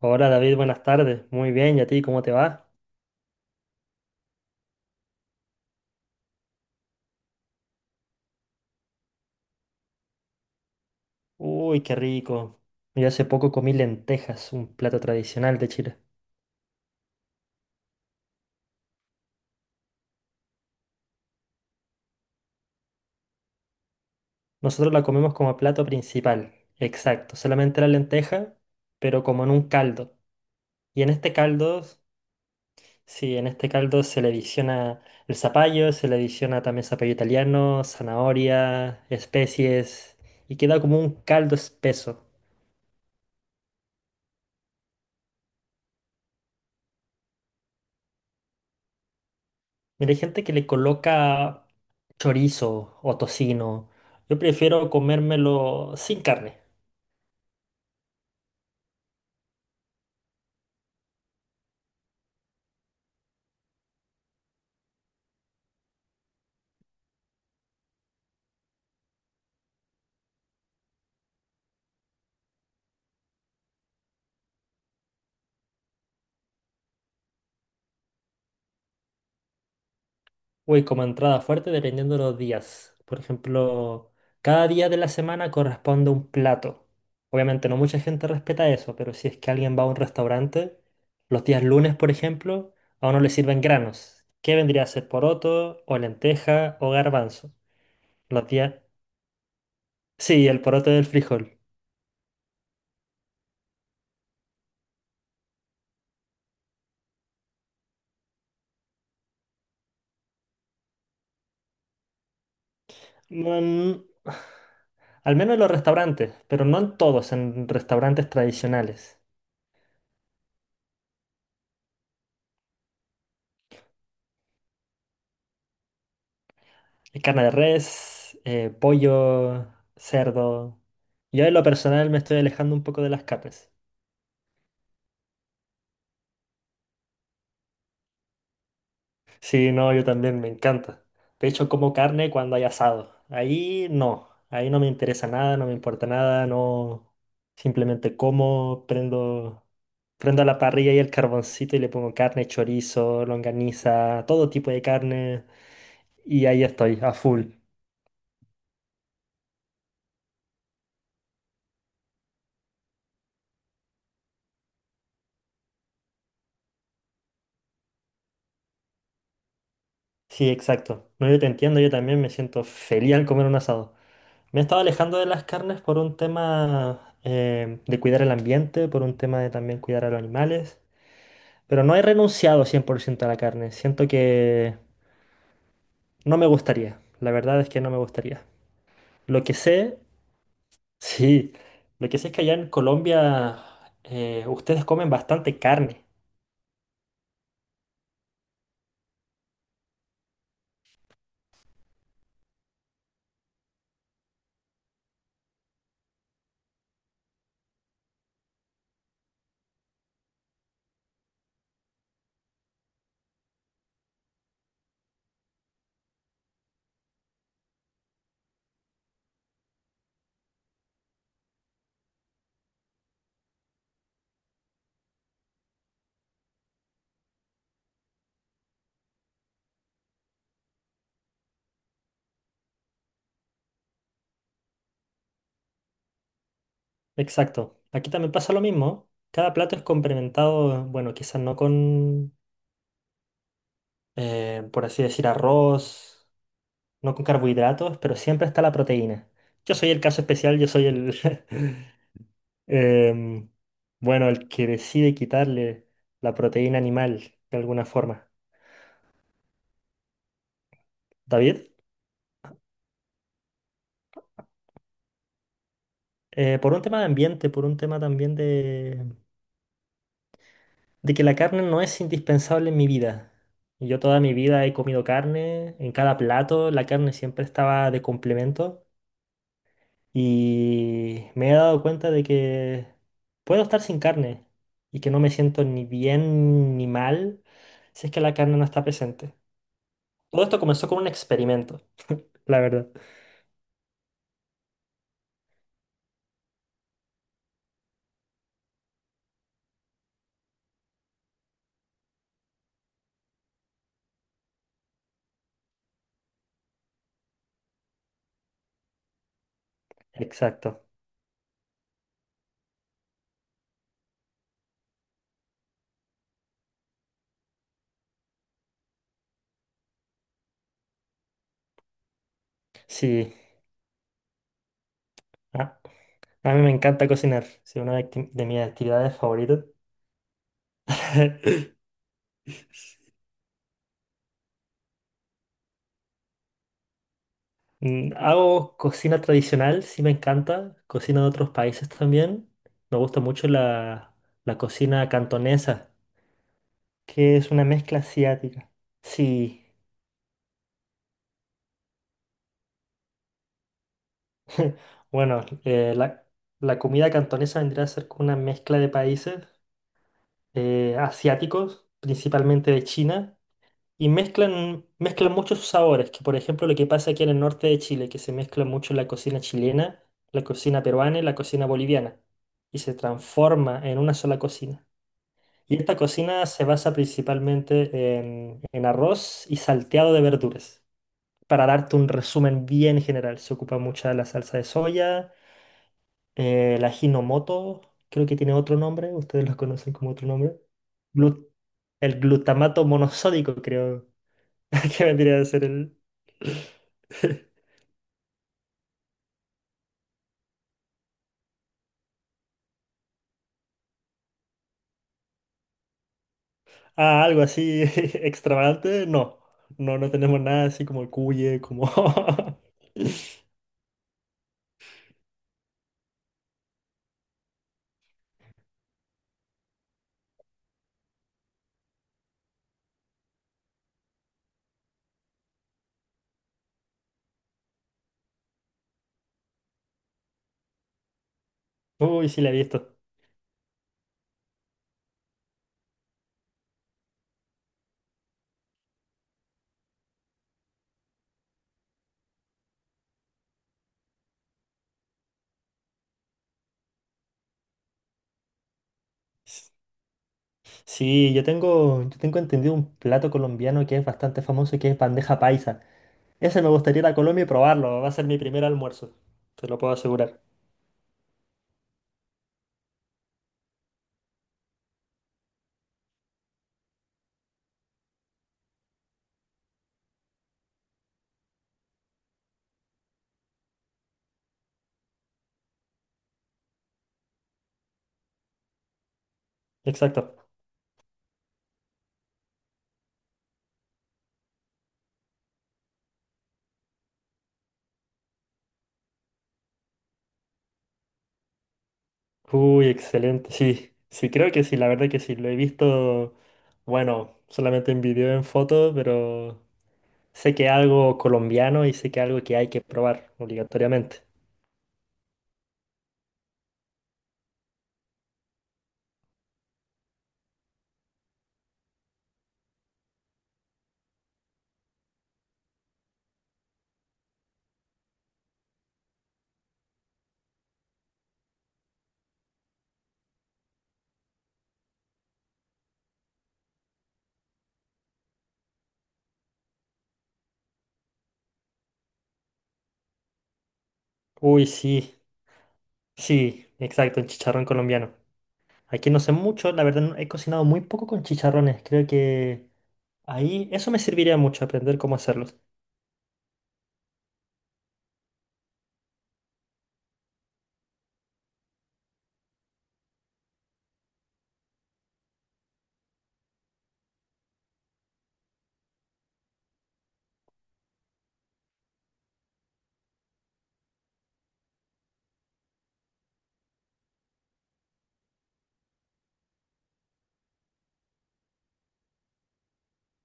Hola David, buenas tardes. Muy bien, ¿y a ti cómo te va? Uy, qué rico. Yo hace poco comí lentejas, un plato tradicional de Chile. Nosotros la comemos como plato principal, exacto, solamente la lenteja, pero como en un caldo. Y en este caldo, sí, en este caldo se le adiciona el zapallo, se le adiciona también zapallo italiano, zanahoria, especies, y queda como un caldo espeso. Mira, hay gente que le coloca chorizo o tocino. Yo prefiero comérmelo sin carne. Uy, como entrada fuerte dependiendo de los días. Por ejemplo, cada día de la semana corresponde un plato. Obviamente no mucha gente respeta eso, pero si es que alguien va a un restaurante, los días lunes, por ejemplo, a uno le sirven granos. ¿Qué vendría a ser poroto o lenteja o garbanzo? Los días... Sí, el poroto del frijol. No en- Al menos en los restaurantes, pero no en todos, en restaurantes tradicionales. Hay carne de res, pollo, cerdo. Yo en lo personal me estoy alejando un poco de las carnes. Sí, no, yo también me encanta. De hecho, como carne cuando hay asado. Ahí no me interesa nada, no me importa nada, no. Simplemente como, prendo la parrilla y el carboncito y le pongo carne, chorizo, longaniza, todo tipo de carne. Y ahí estoy, a full. Sí, exacto. No, yo te entiendo, yo también me siento feliz al comer un asado. Me he estado alejando de las carnes por un tema de cuidar el ambiente, por un tema de también cuidar a los animales. Pero no he renunciado 100% a la carne. Siento que no me gustaría. La verdad es que no me gustaría. Lo que sé, sí, lo que sé es que allá en Colombia ustedes comen bastante carne. Exacto. Aquí también pasa lo mismo. Cada plato es complementado, bueno, quizás no con por así decir, arroz, no con carbohidratos, pero siempre está la proteína. Yo soy el caso especial, em, bueno, el que decide quitarle la proteína animal de alguna forma. David, por un tema de ambiente, por un tema también de que la carne no es indispensable en mi vida. Yo toda mi vida he comido carne, en cada plato la carne siempre estaba de complemento. Y me he dado cuenta de que puedo estar sin carne y que no me siento ni bien ni mal si es que la carne no está presente. Todo esto comenzó con un experimento, la verdad. Exacto. Sí. Ah, a mí me encanta cocinar. Es una de mis actividades favoritas. Mm, hago cocina tradicional, sí me encanta. Cocina de otros países también. Me gusta mucho la cocina cantonesa, que es una mezcla asiática. Sí. Bueno, la comida cantonesa vendría a ser como una mezcla de países asiáticos, principalmente de China, y mezclan muchos sabores, que por ejemplo lo que pasa aquí en el norte de Chile, que se mezcla mucho la cocina chilena, la cocina peruana y la cocina boliviana, y se transforma en una sola cocina. Y esta cocina se basa principalmente en arroz y salteado de verduras. Para darte un resumen bien general, se ocupa mucha la salsa de soya la Hinomoto, creo que tiene otro nombre, ustedes los conocen como otro nombre. Glu- el glutamato monosódico, creo que vendría a ser el... Ah, algo así extravagante, no. No, no tenemos nada así como el cuye, como... Uy, sí, la he visto. Sí, yo tengo entendido un plato colombiano que es bastante famoso, que es bandeja paisa. Ese me gustaría ir a Colombia y probarlo, va a ser mi primer almuerzo, te lo puedo asegurar. Exacto. Uy, excelente, sí, sí, creo que sí, la verdad que sí, lo he visto, bueno, solamente en video, en foto, pero sé que es algo colombiano y sé que es algo que hay que probar obligatoriamente. Uy, sí, sí, exacto, el chicharrón colombiano. Aquí no sé mucho, la verdad no- he cocinado muy poco con chicharrones, creo que ahí eso me serviría mucho, aprender cómo hacerlos.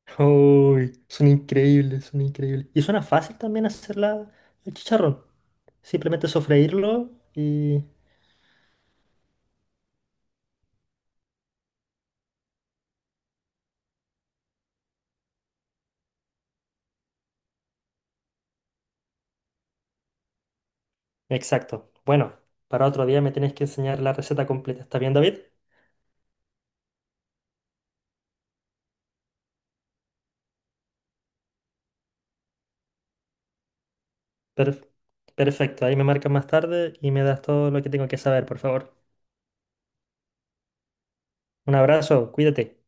Uy, son increíbles, son increíbles. Y suena fácil también hacerla el chicharrón. Simplemente sofreírlo y exacto. Bueno, para otro día me tienes que enseñar la receta completa. ¿Está bien, David? Perf- perfecto. Ahí me marcas más tarde y me das todo lo que tengo que saber, por favor. Un abrazo, cuídate.